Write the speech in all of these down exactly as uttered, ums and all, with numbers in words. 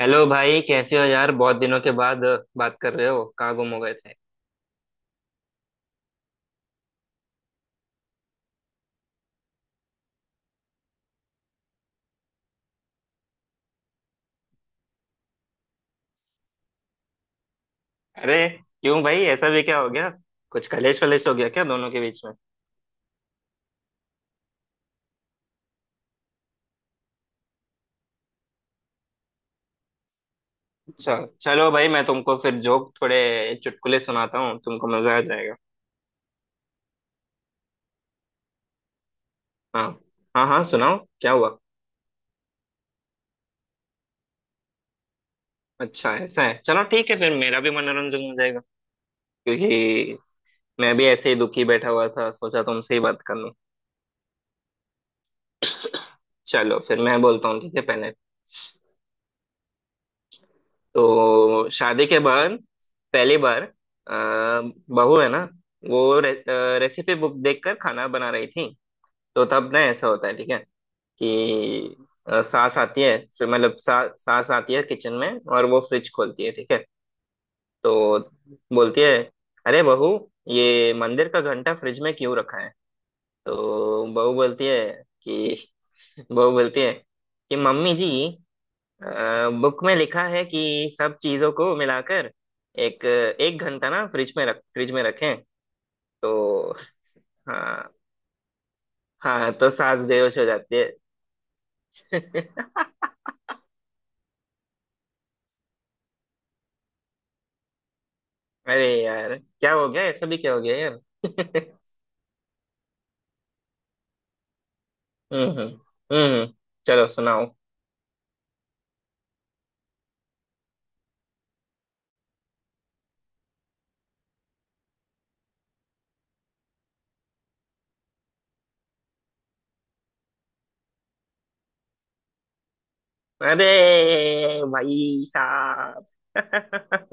Hello भाई, कैसे हो यार? बहुत दिनों के बाद बात कर रहे हो, कहाँ गुम हो गए थे? अरे क्यों भाई, ऐसा भी क्या हो गया? कुछ कलेश वलेश हो गया क्या दोनों के बीच में? अच्छा, चलो भाई मैं तुमको फिर जोक थोड़े चुटकुले सुनाता हूँ, तुमको मजा आ जाएगा। हाँ हाँ हाँ, सुनाओ क्या हुआ। अच्छा, ऐसा है, चलो ठीक है, फिर मेरा भी मनोरंजन हो जाएगा। क्योंकि मैं भी ऐसे ही दुखी बैठा हुआ था, सोचा तुमसे ही बात कर लूँ। चलो फिर मैं बोलता हूँ, ठीक है पहले। तो शादी के बाद पहली बार अ, बहू है ना, वो रे, अ, रेसिपी बुक देखकर खाना बना रही थी। तो तब ना ऐसा होता है, ठीक है, कि अ, सास आती है, फिर मतलब सा, सास आती है किचन में और वो फ्रिज खोलती है, ठीक है। तो बोलती है, अरे बहू, ये मंदिर का घंटा फ्रिज में क्यों रखा है? तो बहू बोलती है कि बहू बोलती है कि मम्मी जी, बुक में लिखा है कि सब चीजों को मिलाकर एक एक घंटा ना फ्रिज में रख फ्रिज में रखें। तो हाँ हाँ, तो सांस बेहोश हो जाती है। अरे यार, क्या हो गया, ऐसा भी क्या हो गया यार। हम्म हम्म हम्म, चलो सुनाओ। अरे भाई साहब।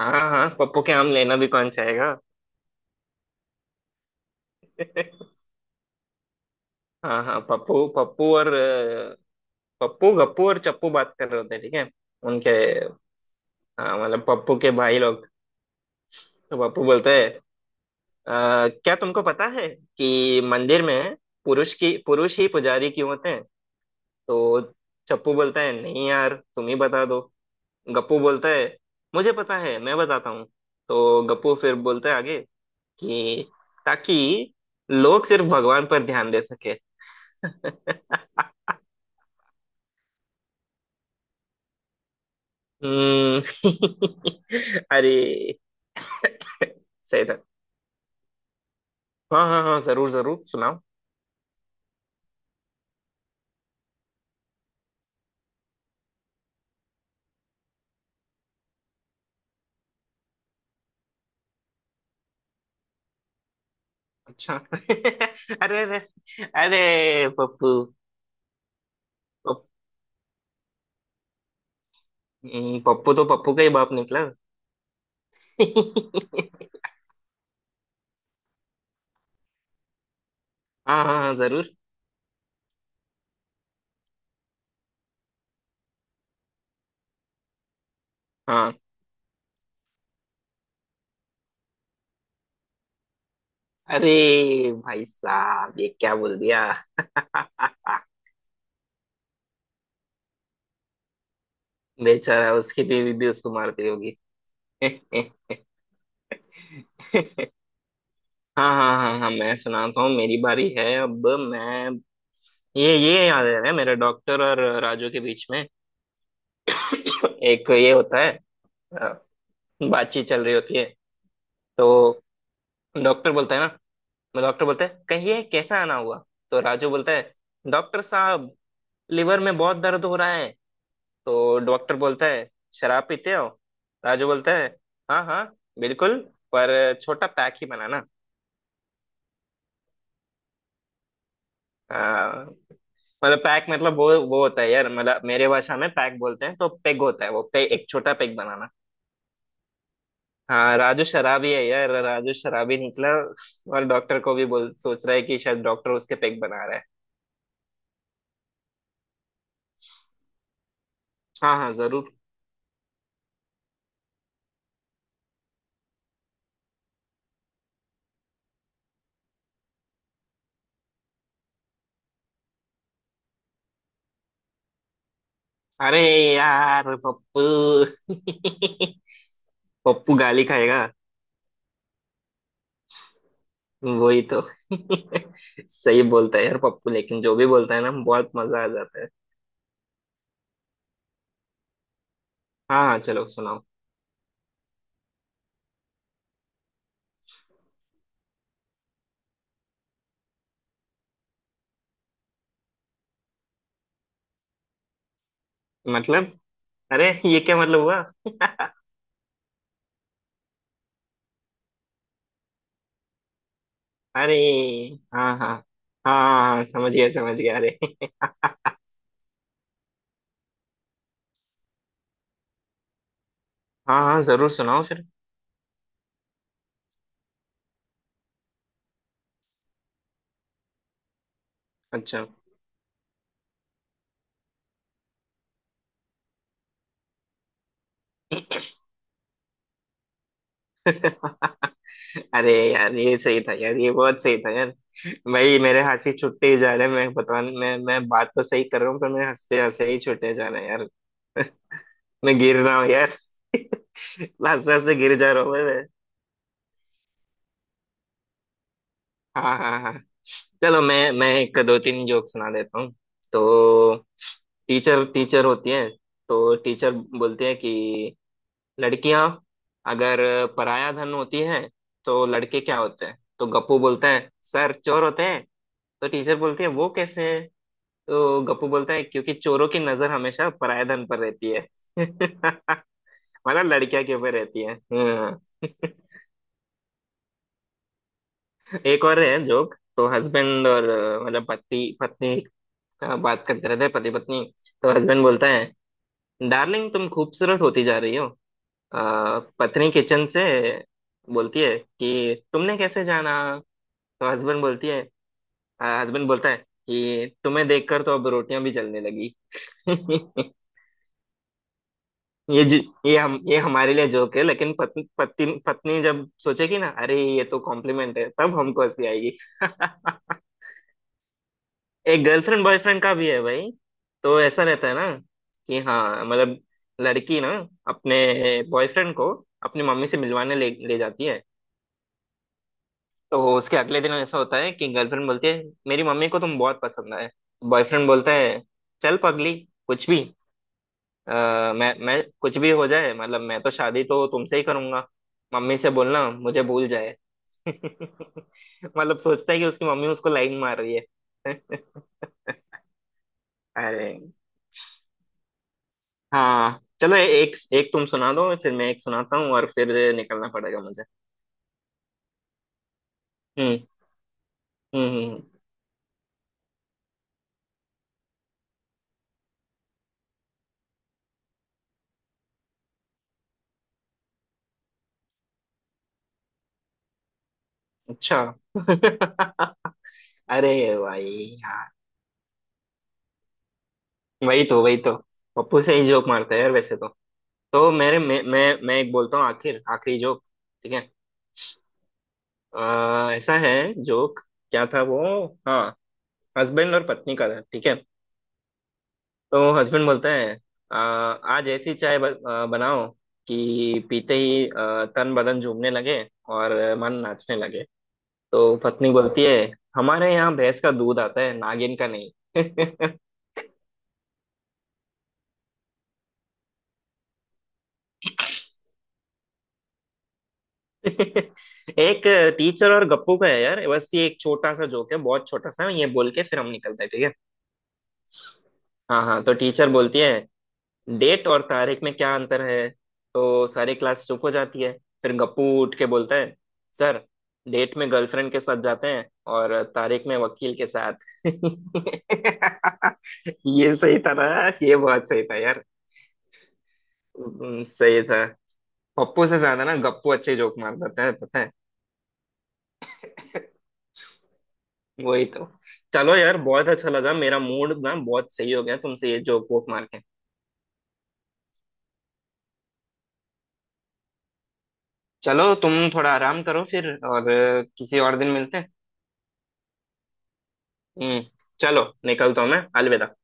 हाँ हाँ, पप्पू के आम लेना भी कौन चाहेगा। हाँ हाँ, पप्पू पप्पू और अ, पप्पू गप्पू और चप्पू बात कर रहे होते हैं, ठीक है। उनके हाँ मतलब, पप्पू के भाई लोग। तो पप्पू बोलते हैं, "अ, क्या तुमको पता है कि मंदिर में पुरुष की पुरुष ही पुजारी क्यों होते हैं? तो चप्पू बोलता है, नहीं यार तुम ही बता दो। गप्पू बोलता है, मुझे पता है, मैं बताता हूँ। तो गप्पू फिर बोलता है आगे, कि ताकि लोग सिर्फ भगवान पर ध्यान दे सके। हम्म। अरे। सही था। हाँ हाँ हाँ, जरूर जरूर सुनाओ। अच्छा। अरे अरे अरे पप्पू पप- हम्म, पप्पू तो पप्पू का ही बाप निकला। हाँ हाँ हाँ, जरूर। हाँ, अरे भाई साहब, ये क्या बोल दिया। बेचारा, उसकी बीवी भी उसको मारती होगी। हाँ हाँ हाँ हाँ, मैं सुनाता हूँ, मेरी बारी है अब मैं। ये ये याद है ना, मेरे डॉक्टर और राजू के बीच में एक ये होता है, अ, बातचीत चल रही होती है। तो डॉक्टर बोलता है ना मैं डॉक्टर बोलता है, कहिए कैसा आना हुआ? तो राजू बोलता है, डॉक्टर साहब लिवर में बहुत दर्द हो रहा है। तो डॉक्टर बोलता है, शराब पीते हो? राजू बोलता है, हाँ हाँ बिल्कुल, पर छोटा पैक ही बनाना। हाँ, मतलब पैक, मतलब वो वो होता है यार, मतलब मेरे भाषा में पैक बोलते हैं तो पेग होता है, वो पे एक छोटा पेग बनाना। हाँ, राजू शराबी है यार, राजू शराबी निकला। और डॉक्टर को भी बोल सोच रहा है कि शायद डॉक्टर उसके पेग बना रहा है। हाँ हाँ, जरूर। अरे यार पप्पू। पप्पू गाली खाएगा। वही तो। सही बोलता है यार पप्पू, लेकिन जो भी बोलता है ना, बहुत मजा आ जाता है। हाँ हाँ, चलो सुनाओ। मतलब, अरे ये क्या मतलब हुआ? अरे हाँ हाँ हाँ हाँ हाँ, समझ गया समझ गया, अरे। हाँ हाँ, जरूर सुनाओ फिर। अच्छा। अरे यार ये सही था यार, ये बहुत सही था यार। भाई मेरे हंसी छुट्टे ही जा रहे हैं, मैं बता मैं मैं बात तो सही कर रहा हूँ, पर मेरे हंसते हंसते ही छुट्टे जा रहे हैं यार। मैं गिर रहा हूँ यार। हंसते हंसते गिर जा रहा हूँ मैं। हाँ हाँ हाँ, चलो मैं मैं एक दो तीन जोक सुना देता हूँ। तो टीचर टीचर होती है, तो टीचर बोलती है कि लड़कियां अगर पराया धन होती है तो लड़के क्या होते हैं? तो गप्पू बोलता है, सर चोर होते हैं। तो टीचर बोलती है, वो कैसे है? तो गप्पू बोलता है, क्योंकि चोरों की नजर हमेशा पराया धन पर रहती है। मतलब लड़कियां के ऊपर रहती है, हाँ। एक और है जोक, तो हस्बैंड और अ, मतलब पति पत्नी, अ, बात करते रहते हैं पति पत्नी। तो हस्बैंड बोलता है, डार्लिंग तुम खूबसूरत होती जा रही हो। अ, पत्नी किचन से बोलती है कि तुमने कैसे जाना? तो हस्बैंड बोलती है हस्बैंड बोलता है कि तुम्हें देखकर तो अब रोटियां भी जलने लगी। ये जी ये हम ये हमारे लिए जोक है, लेकिन पत्नी पत्नी पत्नी जब सोचेगी ना, अरे ये तो कॉम्प्लीमेंट है, तब हमको हंसी आएगी। एक गर्लफ्रेंड बॉयफ्रेंड का भी है भाई। तो ऐसा रहता है ना कि, हाँ मतलब लड़की ना अपने बॉयफ्रेंड को अपनी मम्मी से मिलवाने ले ले जाती है। तो उसके अगले दिन ऐसा होता है कि गर्लफ्रेंड बोलती है, मेरी मम्मी को तुम बहुत पसंद आए। बॉयफ्रेंड बोलता है, चल पगली कुछ भी। अ, मैं मैं कुछ भी हो जाए मतलब मैं तो शादी तो तुमसे ही करूंगा, मम्मी से बोलना मुझे भूल जाए। मतलब सोचता है कि उसकी मम्मी उसको लाइन मार रही है। अरे हाँ, चलो ए- एक एक तुम सुना दो, फिर मैं एक सुनाता हूँ और फिर निकलना पड़ेगा मुझे। हम्म हम्म हम्म, हम्म, अच्छा। अरे भाई, यार वही तो वही तो, पप्पू से ही जोक मारता है यार वैसे तो। तो मेरे मैं मैं मैं एक बोलता हूँ आखिर आखिरी जोक, ठीक है। अ, ऐसा है जोक, क्या था वो, हाँ हस्बैंड और पत्नी का था, ठीक है। तो हस्बैंड बोलता है, "अ, आज ऐसी चाय ब, अ, बनाओ कि पीते ही अ, तन बदन झूमने लगे और मन नाचने लगे। तो पत्नी बोलती है, हमारे यहाँ भैंस का दूध आता है, नागिन का नहीं। एक टीचर और गप्पू का है यार, बस ये एक छोटा सा जोक है, बहुत छोटा सा, ये बोल के फिर हम निकलते हैं, ठीक है। हाँ हाँ, तो टीचर बोलती है, डेट और तारीख में क्या अंतर है? तो सारी क्लास चुप हो जाती है। फिर गप्पू उठ के बोलता है, सर डेट में गर्लफ्रेंड के साथ जाते हैं और तारीख में वकील के साथ। ये सही था ना, ये बहुत सही था यार। हम्म, सही था। पप्पू से ज्यादा ना गप्पू अच्छे जोक मार देता है पता है। वही तो। चलो यार बहुत अच्छा लगा, मेरा मूड ना बहुत सही हो गया तुमसे ये जोक वोक मार के। चलो तुम थोड़ा आराम करो फिर और अ, किसी और दिन मिलते हैं। हम्म चलो निकलता हूँ मैं। अलविदा।